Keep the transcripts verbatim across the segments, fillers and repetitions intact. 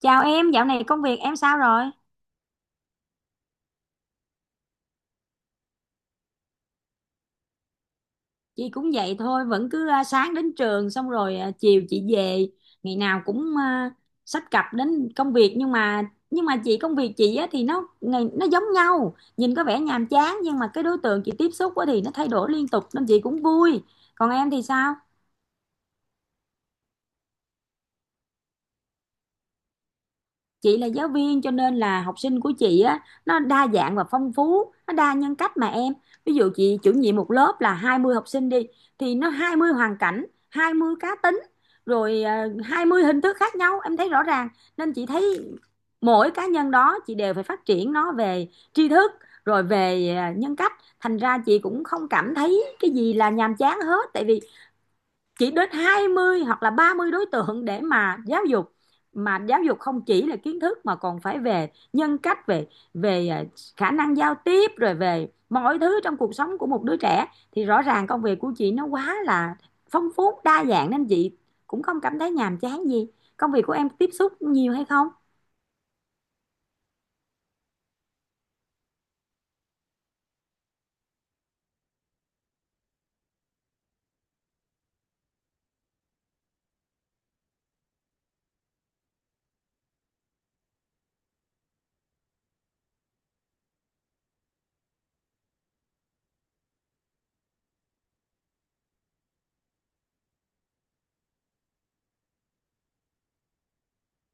Chào em, dạo này công việc em sao rồi? Chị cũng vậy thôi, vẫn cứ à, sáng đến trường xong rồi à, chiều chị về, ngày nào cũng à, xách cặp đến công việc nhưng mà nhưng mà chị công việc chị á, thì nó ngày nó giống nhau, nhìn có vẻ nhàm chán nhưng mà cái đối tượng chị tiếp xúc á, thì nó thay đổi liên tục nên chị cũng vui. Còn em thì sao? Chị là giáo viên cho nên là học sinh của chị á, nó đa dạng và phong phú, nó đa nhân cách mà em. Ví dụ chị chủ nhiệm một lớp là hai mươi học sinh đi, thì nó hai mươi hoàn cảnh, hai mươi cá tính, rồi ờ, hai mươi hình thức khác nhau em thấy rõ ràng. Nên chị thấy mỗi cá nhân đó chị đều phải phát triển nó về tri thức, rồi về ờ, nhân cách. Thành ra chị cũng không cảm thấy cái gì là nhàm chán hết, tại vì chỉ đến hai mươi hoặc là ba mươi đối tượng để mà giáo dục, mà giáo dục không chỉ là kiến thức mà còn phải về nhân cách, về về à, khả năng giao tiếp rồi về mọi thứ trong cuộc sống của một đứa trẻ, thì rõ ràng công việc của chị nó quá là phong phú đa dạng nên chị cũng không cảm thấy nhàm chán gì. Công việc của em tiếp xúc nhiều hay không?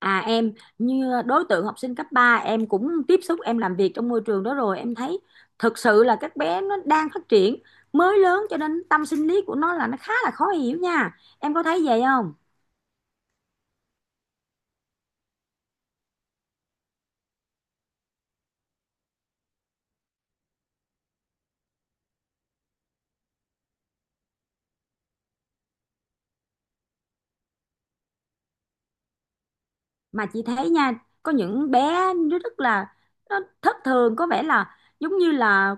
À em, như đối tượng học sinh cấp ba em cũng tiếp xúc, em làm việc trong môi trường đó rồi, em thấy thực sự là các bé nó đang phát triển mới lớn cho nên tâm sinh lý của nó là nó khá là khó hiểu nha, em có thấy vậy không? Mà chị thấy nha, có những bé nó rất là nó thất thường, có vẻ là giống như là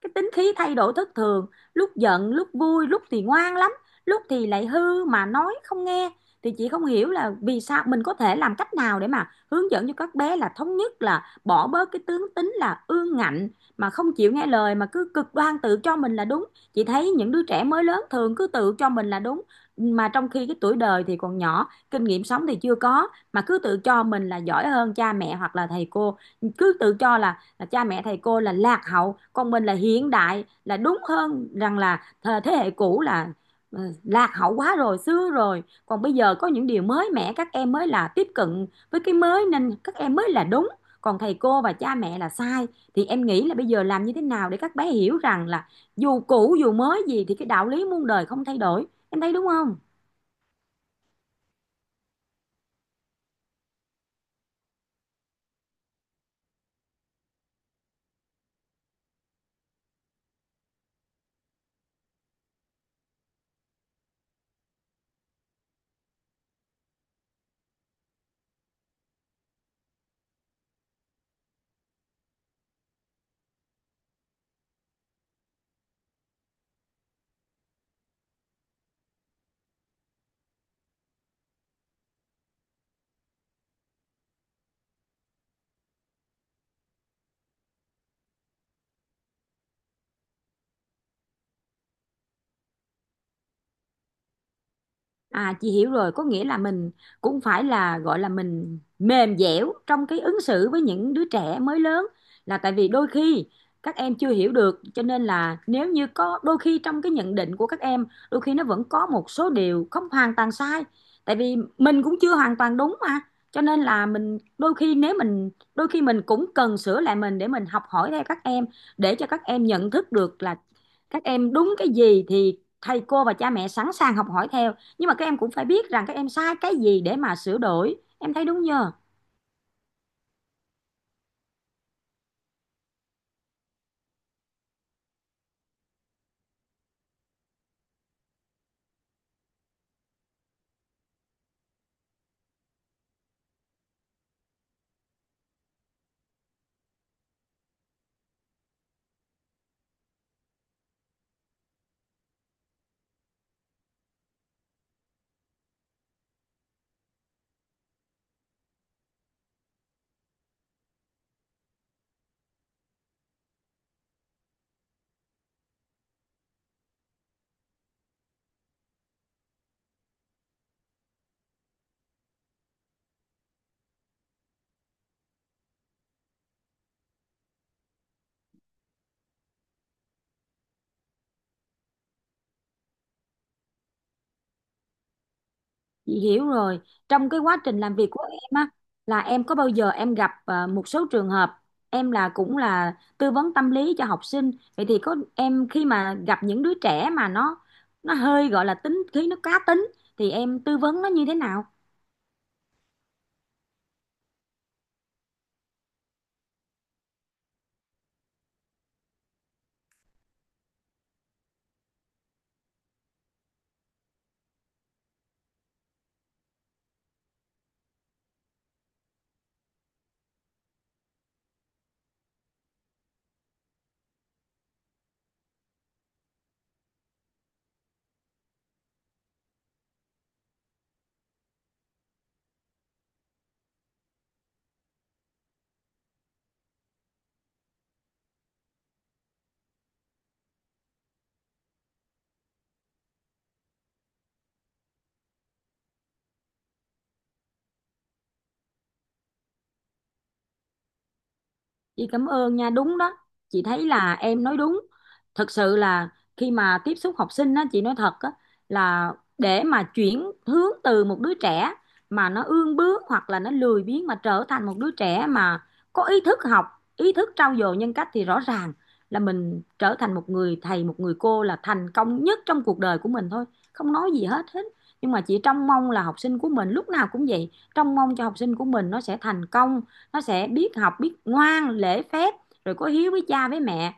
cái tính khí thay đổi thất thường, lúc giận lúc vui, lúc thì ngoan lắm, lúc thì lại hư mà nói không nghe. Thì chị không hiểu là vì sao, mình có thể làm cách nào để mà hướng dẫn cho các bé là thống nhất, là bỏ bớt cái tướng tính là ương ngạnh mà không chịu nghe lời mà cứ cực đoan tự cho mình là đúng. Chị thấy những đứa trẻ mới lớn thường cứ tự cho mình là đúng, mà trong khi cái tuổi đời thì còn nhỏ, kinh nghiệm sống thì chưa có mà cứ tự cho mình là giỏi hơn cha mẹ hoặc là thầy cô. Cứ tự cho là là cha mẹ thầy cô là lạc hậu, còn mình là hiện đại, là đúng hơn, rằng là thờ- thế hệ cũ là ờ, lạc hậu quá rồi, xưa rồi, còn bây giờ có những điều mới mẻ các em mới là tiếp cận với cái mới nên các em mới là đúng, còn thầy cô và cha mẹ là sai. Thì em nghĩ là bây giờ làm như thế nào để các bé hiểu rằng là dù cũ dù mới gì thì cái đạo lý muôn đời không thay đổi, em thấy đúng không? À chị hiểu rồi, có nghĩa là mình cũng phải là gọi là mình mềm dẻo trong cái ứng xử với những đứa trẻ mới lớn, là tại vì đôi khi các em chưa hiểu được, cho nên là nếu như có đôi khi trong cái nhận định của các em, đôi khi nó vẫn có một số điều không hoàn toàn sai, tại vì mình cũng chưa hoàn toàn đúng mà. Cho nên là mình đôi khi, nếu mình đôi khi mình cũng cần sửa lại mình để mình học hỏi theo các em, để cho các em nhận thức được là các em đúng cái gì thì thầy cô và cha mẹ sẵn sàng học hỏi theo, nhưng mà các em cũng phải biết rằng các em sai cái gì để mà sửa đổi, em thấy đúng nhờ. Chị hiểu rồi, trong cái quá trình làm việc của em á, là em có bao giờ em gặp ờ, một số trường hợp, em là cũng là tư vấn tâm lý cho học sinh, vậy thì có em khi mà gặp những đứa trẻ mà nó nó hơi gọi là tính khí nó cá tính, thì em tư vấn nó như thế nào? Chị cảm ơn nha, đúng đó. Chị thấy là em nói đúng. Thật sự là khi mà tiếp xúc học sinh á, chị nói thật á, là để mà chuyển hướng từ một đứa trẻ mà nó ương bướng hoặc là nó lười biếng mà trở thành một đứa trẻ mà có ý thức học, ý thức trau dồi nhân cách thì rõ ràng là mình trở thành một người thầy, một người cô là thành công nhất trong cuộc đời của mình thôi. Không nói gì hết hết. Nhưng mà chị trông mong là học sinh của mình lúc nào cũng vậy, trông mong cho học sinh của mình nó sẽ thành công, nó sẽ biết học biết ngoan lễ phép, rồi có hiếu với cha với mẹ.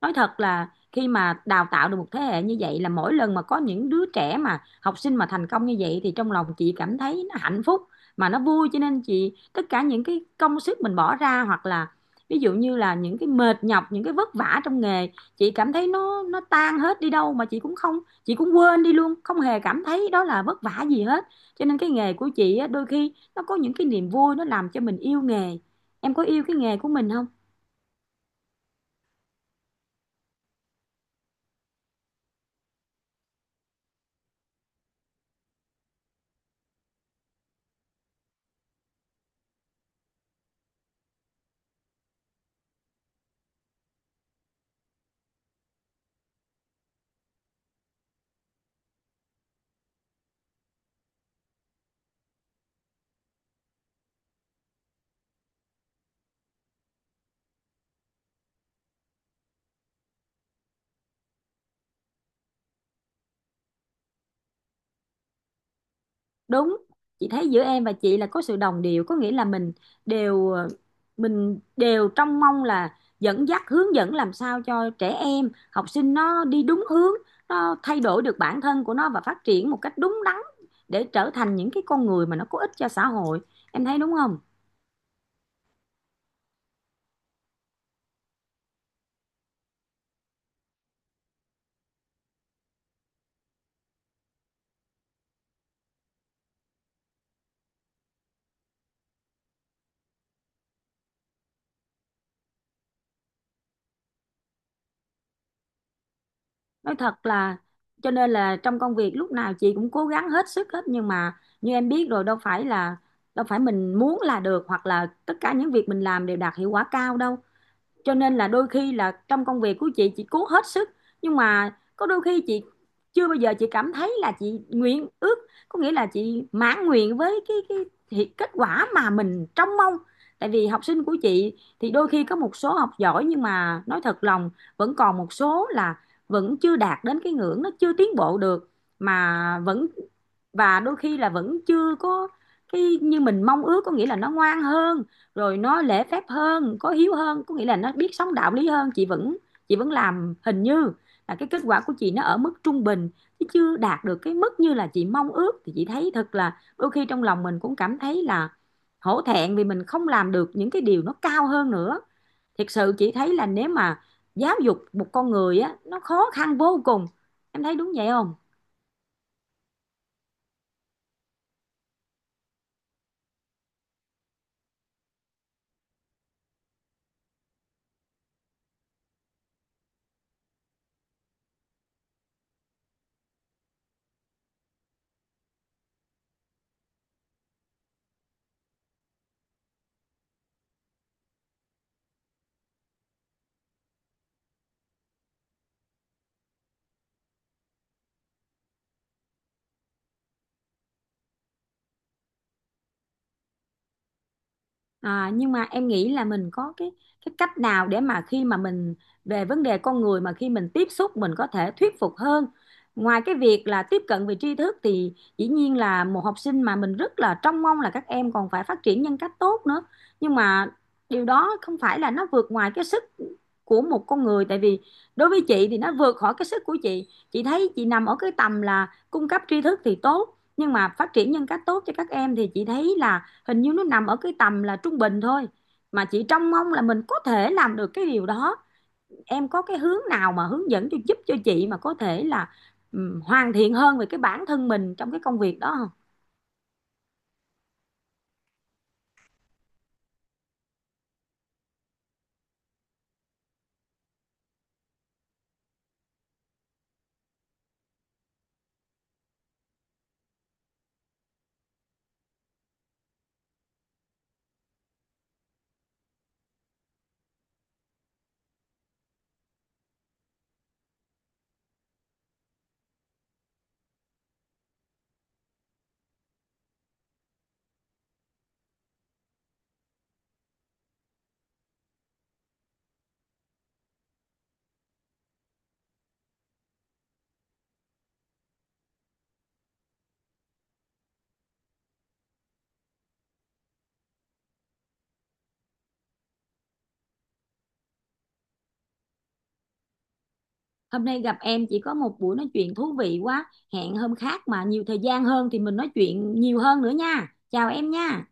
Nói thật là khi mà đào tạo được một thế hệ như vậy, là mỗi lần mà có những đứa trẻ mà học sinh mà thành công như vậy thì trong lòng chị cảm thấy nó hạnh phúc mà nó vui, cho nên chị tất cả những cái công sức mình bỏ ra, hoặc là ví dụ như là những cái mệt nhọc, những cái vất vả trong nghề, chị cảm thấy nó nó tan hết đi đâu mà chị cũng không, chị cũng quên đi luôn, không hề cảm thấy đó là vất vả gì hết. Cho nên cái nghề của chị á, đôi khi nó có những cái niềm vui, nó làm cho mình yêu nghề. Em có yêu cái nghề của mình không? Đúng, chị thấy giữa em và chị là có sự đồng điệu, có nghĩa là mình đều ờ, mình đều trong mong là dẫn dắt hướng dẫn làm sao cho trẻ em, học sinh nó đi đúng hướng, nó thay đổi được bản thân của nó và phát triển một cách đúng đắn để trở thành những cái con người mà nó có ích cho xã hội. Em thấy đúng không? Nói thật là cho nên là trong công việc lúc nào chị cũng cố gắng hết sức hết, nhưng mà như em biết rồi, đâu phải là đâu phải mình muốn là được hoặc là tất cả những việc mình làm đều đạt hiệu quả cao đâu. Cho nên là đôi khi là trong công việc của chị chị cố hết sức, nhưng mà có đôi khi chị chưa bao giờ chị cảm thấy là chị nguyện ước, có nghĩa là chị mãn nguyện với cái cái, cái kết quả mà mình trông mong, tại vì học sinh của chị thì đôi khi có một số học giỏi, nhưng mà nói thật lòng vẫn còn một số là vẫn chưa đạt đến cái ngưỡng, nó chưa tiến bộ được mà vẫn, và đôi khi là vẫn chưa có cái như mình mong ước, có nghĩa là nó ngoan hơn, rồi nó lễ phép hơn, có hiếu hơn, có nghĩa là nó biết sống đạo lý hơn. Chị vẫn chị vẫn làm hình như là cái kết quả của chị nó ở mức trung bình chứ chưa đạt được cái mức như là chị mong ước, thì chị thấy thật là đôi khi trong lòng mình cũng cảm thấy là hổ thẹn vì mình không làm được những cái điều nó cao hơn nữa. Thật sự chị thấy là nếu mà giáo dục một con người á, nó khó khăn vô cùng, em thấy đúng vậy không? À, nhưng mà em nghĩ là mình có cái cái cách nào để mà khi mà mình về vấn đề con người mà khi mình tiếp xúc mình có thể thuyết phục hơn. Ngoài cái việc là tiếp cận về tri thức thì dĩ nhiên là một học sinh mà mình rất là trông mong là các em còn phải phát triển nhân cách tốt nữa. Nhưng mà điều đó không phải là nó vượt ngoài cái sức của một con người, tại vì đối với chị thì nó vượt khỏi cái sức của chị. Chị thấy chị nằm ở cái tầm là cung cấp tri thức thì tốt, nhưng mà phát triển nhân cách tốt cho các em thì chị thấy là hình như nó nằm ở cái tầm là trung bình thôi, mà chị trông mong là mình có thể làm được cái điều đó. Em có cái hướng nào mà hướng dẫn cho, giúp cho chị mà có thể là ừm, hoàn thiện hơn về cái bản thân mình trong cái công việc đó không? Hôm nay gặp em chị có một buổi nói chuyện thú vị quá, hẹn hôm khác mà nhiều thời gian hơn thì mình nói chuyện nhiều hơn nữa nha, chào em nha.